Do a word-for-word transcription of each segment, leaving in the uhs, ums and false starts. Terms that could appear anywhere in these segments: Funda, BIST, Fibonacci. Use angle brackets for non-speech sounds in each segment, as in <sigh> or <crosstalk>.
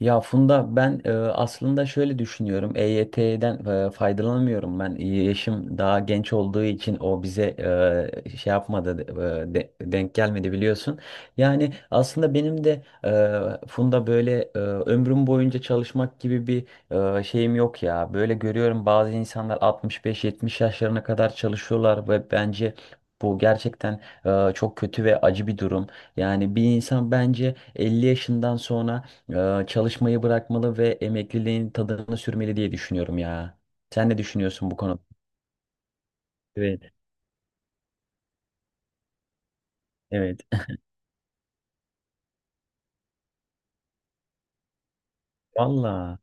Ya Funda ben e, aslında şöyle düşünüyorum. E Y T'den e, faydalanamıyorum ben. E, Yaşım daha genç olduğu için o bize e, şey yapmadı, e, de- denk gelmedi biliyorsun. Yani aslında benim de e, Funda böyle e, ömrüm boyunca çalışmak gibi bir e, şeyim yok ya. Böyle görüyorum, bazı insanlar altmış beş yetmiş yaşlarına kadar çalışıyorlar ve bence Bu gerçekten e, çok kötü ve acı bir durum. Yani bir insan bence elli yaşından sonra ee, çalışmayı bırakmalı ve emekliliğin tadını sürmeli diye düşünüyorum ya. Sen ne düşünüyorsun bu konuda? Evet, evet. Valla.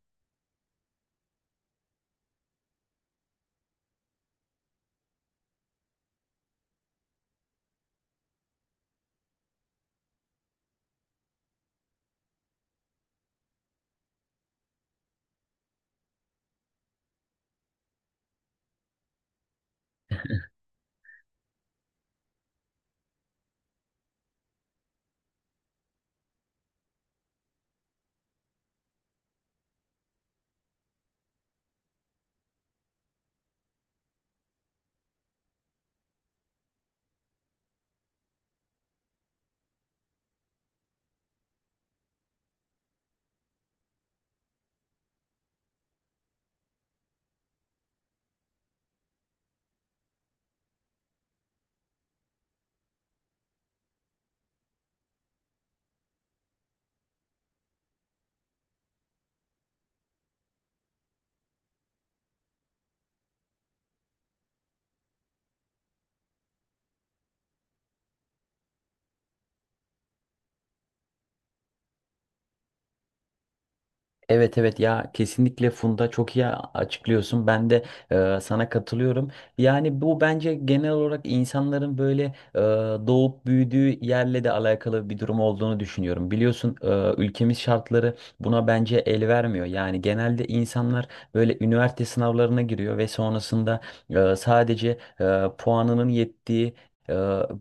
Evet, evet, ya kesinlikle Funda, çok iyi açıklıyorsun. Ben de e, sana katılıyorum. Yani bu bence genel olarak insanların böyle e, doğup büyüdüğü yerle de alakalı bir durum olduğunu düşünüyorum. Biliyorsun, e, ülkemiz şartları buna bence el vermiyor. Yani genelde insanlar böyle üniversite sınavlarına giriyor ve sonrasında e, sadece e, puanının yettiği e,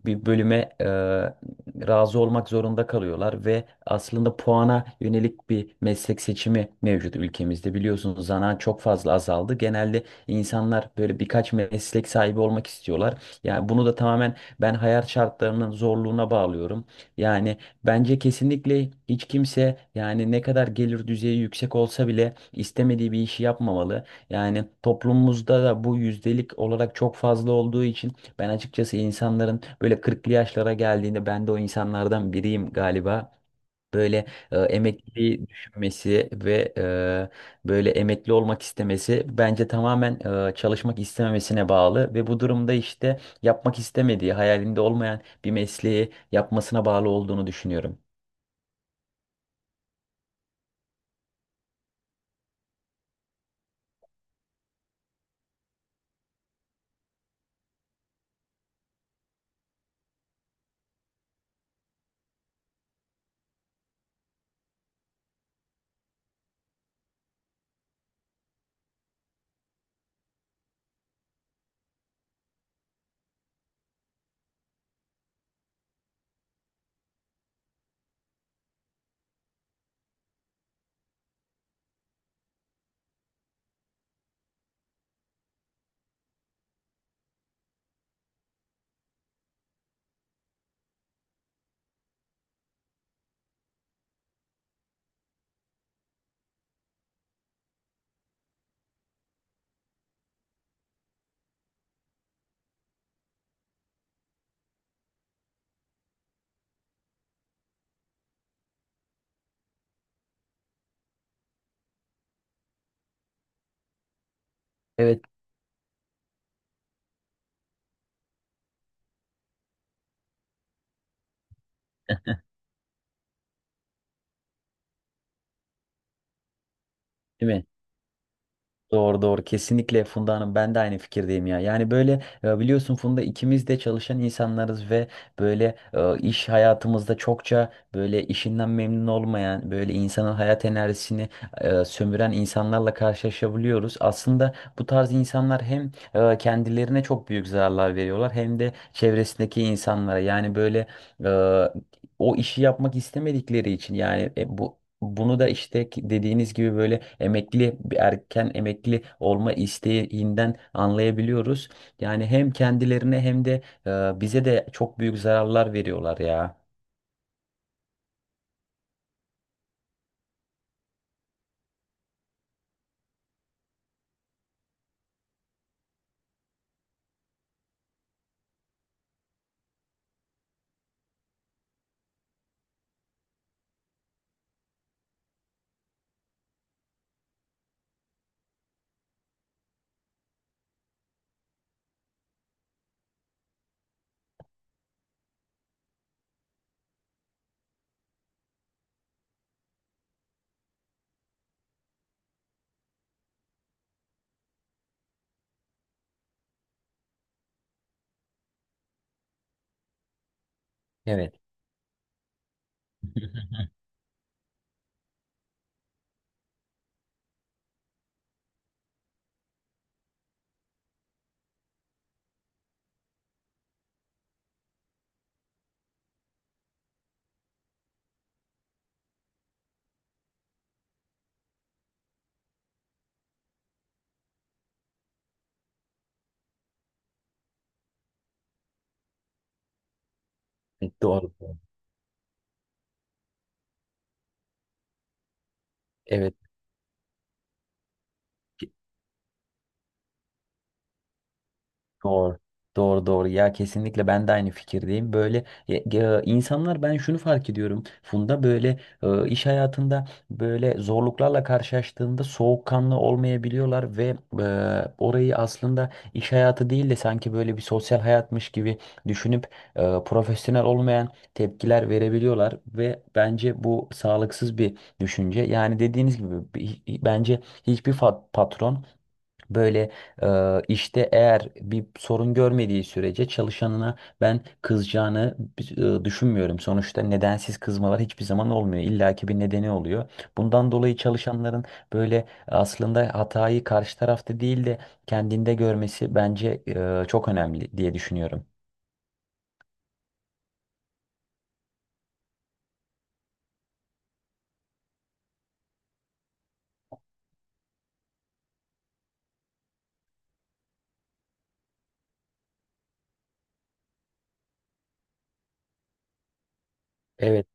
bir bölüme e, razı olmak zorunda kalıyorlar ve aslında puana yönelik bir meslek seçimi mevcut ülkemizde. Biliyorsunuz, zanaat çok fazla azaldı. Genelde insanlar böyle birkaç meslek sahibi olmak istiyorlar. Yani bunu da tamamen ben hayat şartlarının zorluğuna bağlıyorum. Yani bence kesinlikle hiç kimse, yani ne kadar gelir düzeyi yüksek olsa bile, istemediği bir işi yapmamalı. Yani toplumumuzda da bu yüzdelik olarak çok fazla olduğu için ben açıkçası insanların böyle kırklı yaşlara geldiğinde, ben de o insanlardan biriyim galiba, böyle e, emekliliği düşünmesi ve e, böyle emekli olmak istemesi bence tamamen e, çalışmak istememesine bağlı ve bu durumda işte yapmak istemediği, hayalinde olmayan bir mesleği yapmasına bağlı olduğunu düşünüyorum. Evet. Değil mi? Doğru, doğru, kesinlikle Funda Hanım, ben de aynı fikirdeyim ya. Yani böyle, e, biliyorsun Funda, ikimiz de çalışan insanlarız ve böyle e, iş hayatımızda çokça böyle işinden memnun olmayan, böyle insanın hayat enerjisini e, sömüren insanlarla karşılaşabiliyoruz. Aslında bu tarz insanlar hem e, kendilerine çok büyük zararlar veriyorlar, hem de çevresindeki insanlara. Yani böyle e, o işi yapmak istemedikleri için, yani e, bu bunu da işte ki- dediğiniz gibi böyle emekli, bir erken emekli olma isteğinden anlayabiliyoruz. Yani hem kendilerine hem de e, bize de çok büyük zararlar veriyorlar ya. Evet. <laughs> Doğru. Doğru. Evet. Doğru. Doğru, doğru ya, kesinlikle ben de aynı fikirdeyim. Böyle e, e, insanlar, ben şunu fark ediyorum Funda, böyle e, iş hayatında böyle zorluklarla karşılaştığında soğukkanlı olmayabiliyorlar ve e, orayı aslında iş hayatı değil de sanki böyle bir sosyal hayatmış gibi düşünüp e, profesyonel olmayan tepkiler verebiliyorlar ve bence bu sağlıksız bir düşünce. Yani dediğiniz gibi bi- bence hiçbir fa- patron böyle e, işte eğer bir sorun görmediği sürece çalışanına ben kızacağını e, düşünmüyorum. Sonuçta nedensiz kızmalar hiçbir zaman olmuyor. İlla ki bir nedeni oluyor. Bundan dolayı çalışanların böyle aslında hatayı karşı tarafta değil de kendinde görmesi bence e, çok önemli diye düşünüyorum. Evet,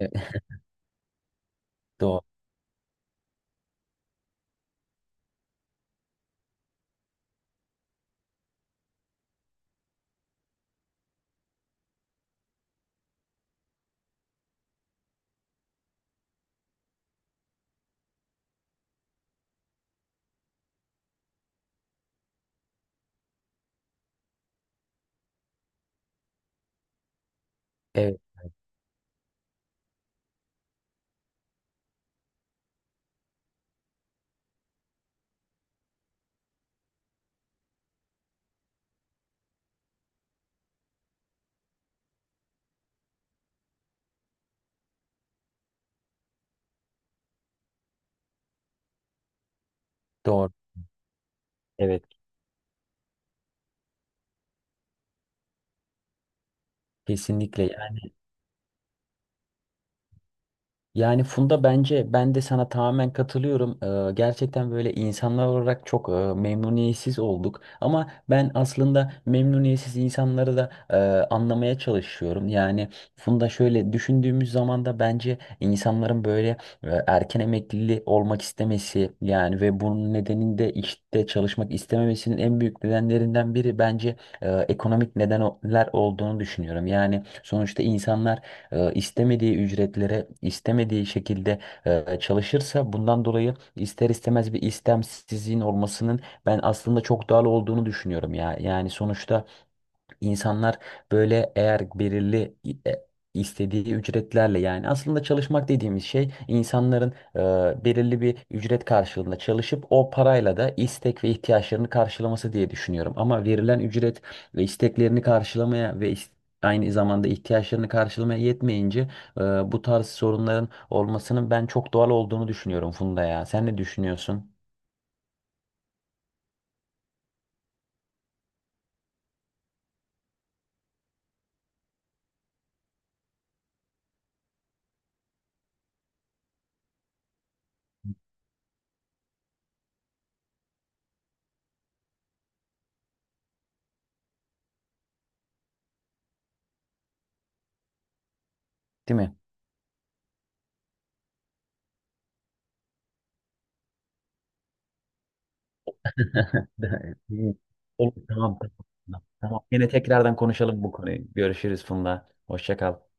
e, doğru. Evet, doğru. Evet, kesinlikle. Yani Funda bence ben de sana tamamen katılıyorum. Ee, gerçekten böyle insanlar olarak çok e, memnuniyetsiz olduk. Ama ben aslında memnuniyetsiz insanları da e, anlamaya çalışıyorum. Yani Funda şöyle düşündüğümüz zaman da bence insanların böyle e, erken emekliliği olmak istemesi, yani ve bunun nedeninde işte çalışmak istememesinin en büyük nedenlerinden biri bence e, ekonomik nedenler olduğunu düşünüyorum. Yani sonuçta insanlar e, istemediği ücretlere istemediği şekilde e, çalışırsa bundan dolayı ister istemez bir istemsizliğin olmasının ben aslında çok doğal olduğunu düşünüyorum ya. Yani sonuçta İnsanlar böyle, eğer belirli e, istediği ücretlerle, yani aslında çalışmak dediğimiz şey insanların e, belirli bir ücret karşılığında çalışıp o parayla da istek ve ihtiyaçlarını karşılaması diye düşünüyorum. Ama verilen ücret ve isteklerini karşılamaya ve is- aynı zamanda ihtiyaçlarını karşılamaya yetmeyince e, bu tarz sorunların olmasının ben çok doğal olduğunu düşünüyorum Funda ya. Sen ne düşünüyorsun? Değil mi? <laughs> Olur, tamam, tamam. Tamam. Yine tekrardan konuşalım bu konuyu. Görüşürüz Funda. Hoşça kal.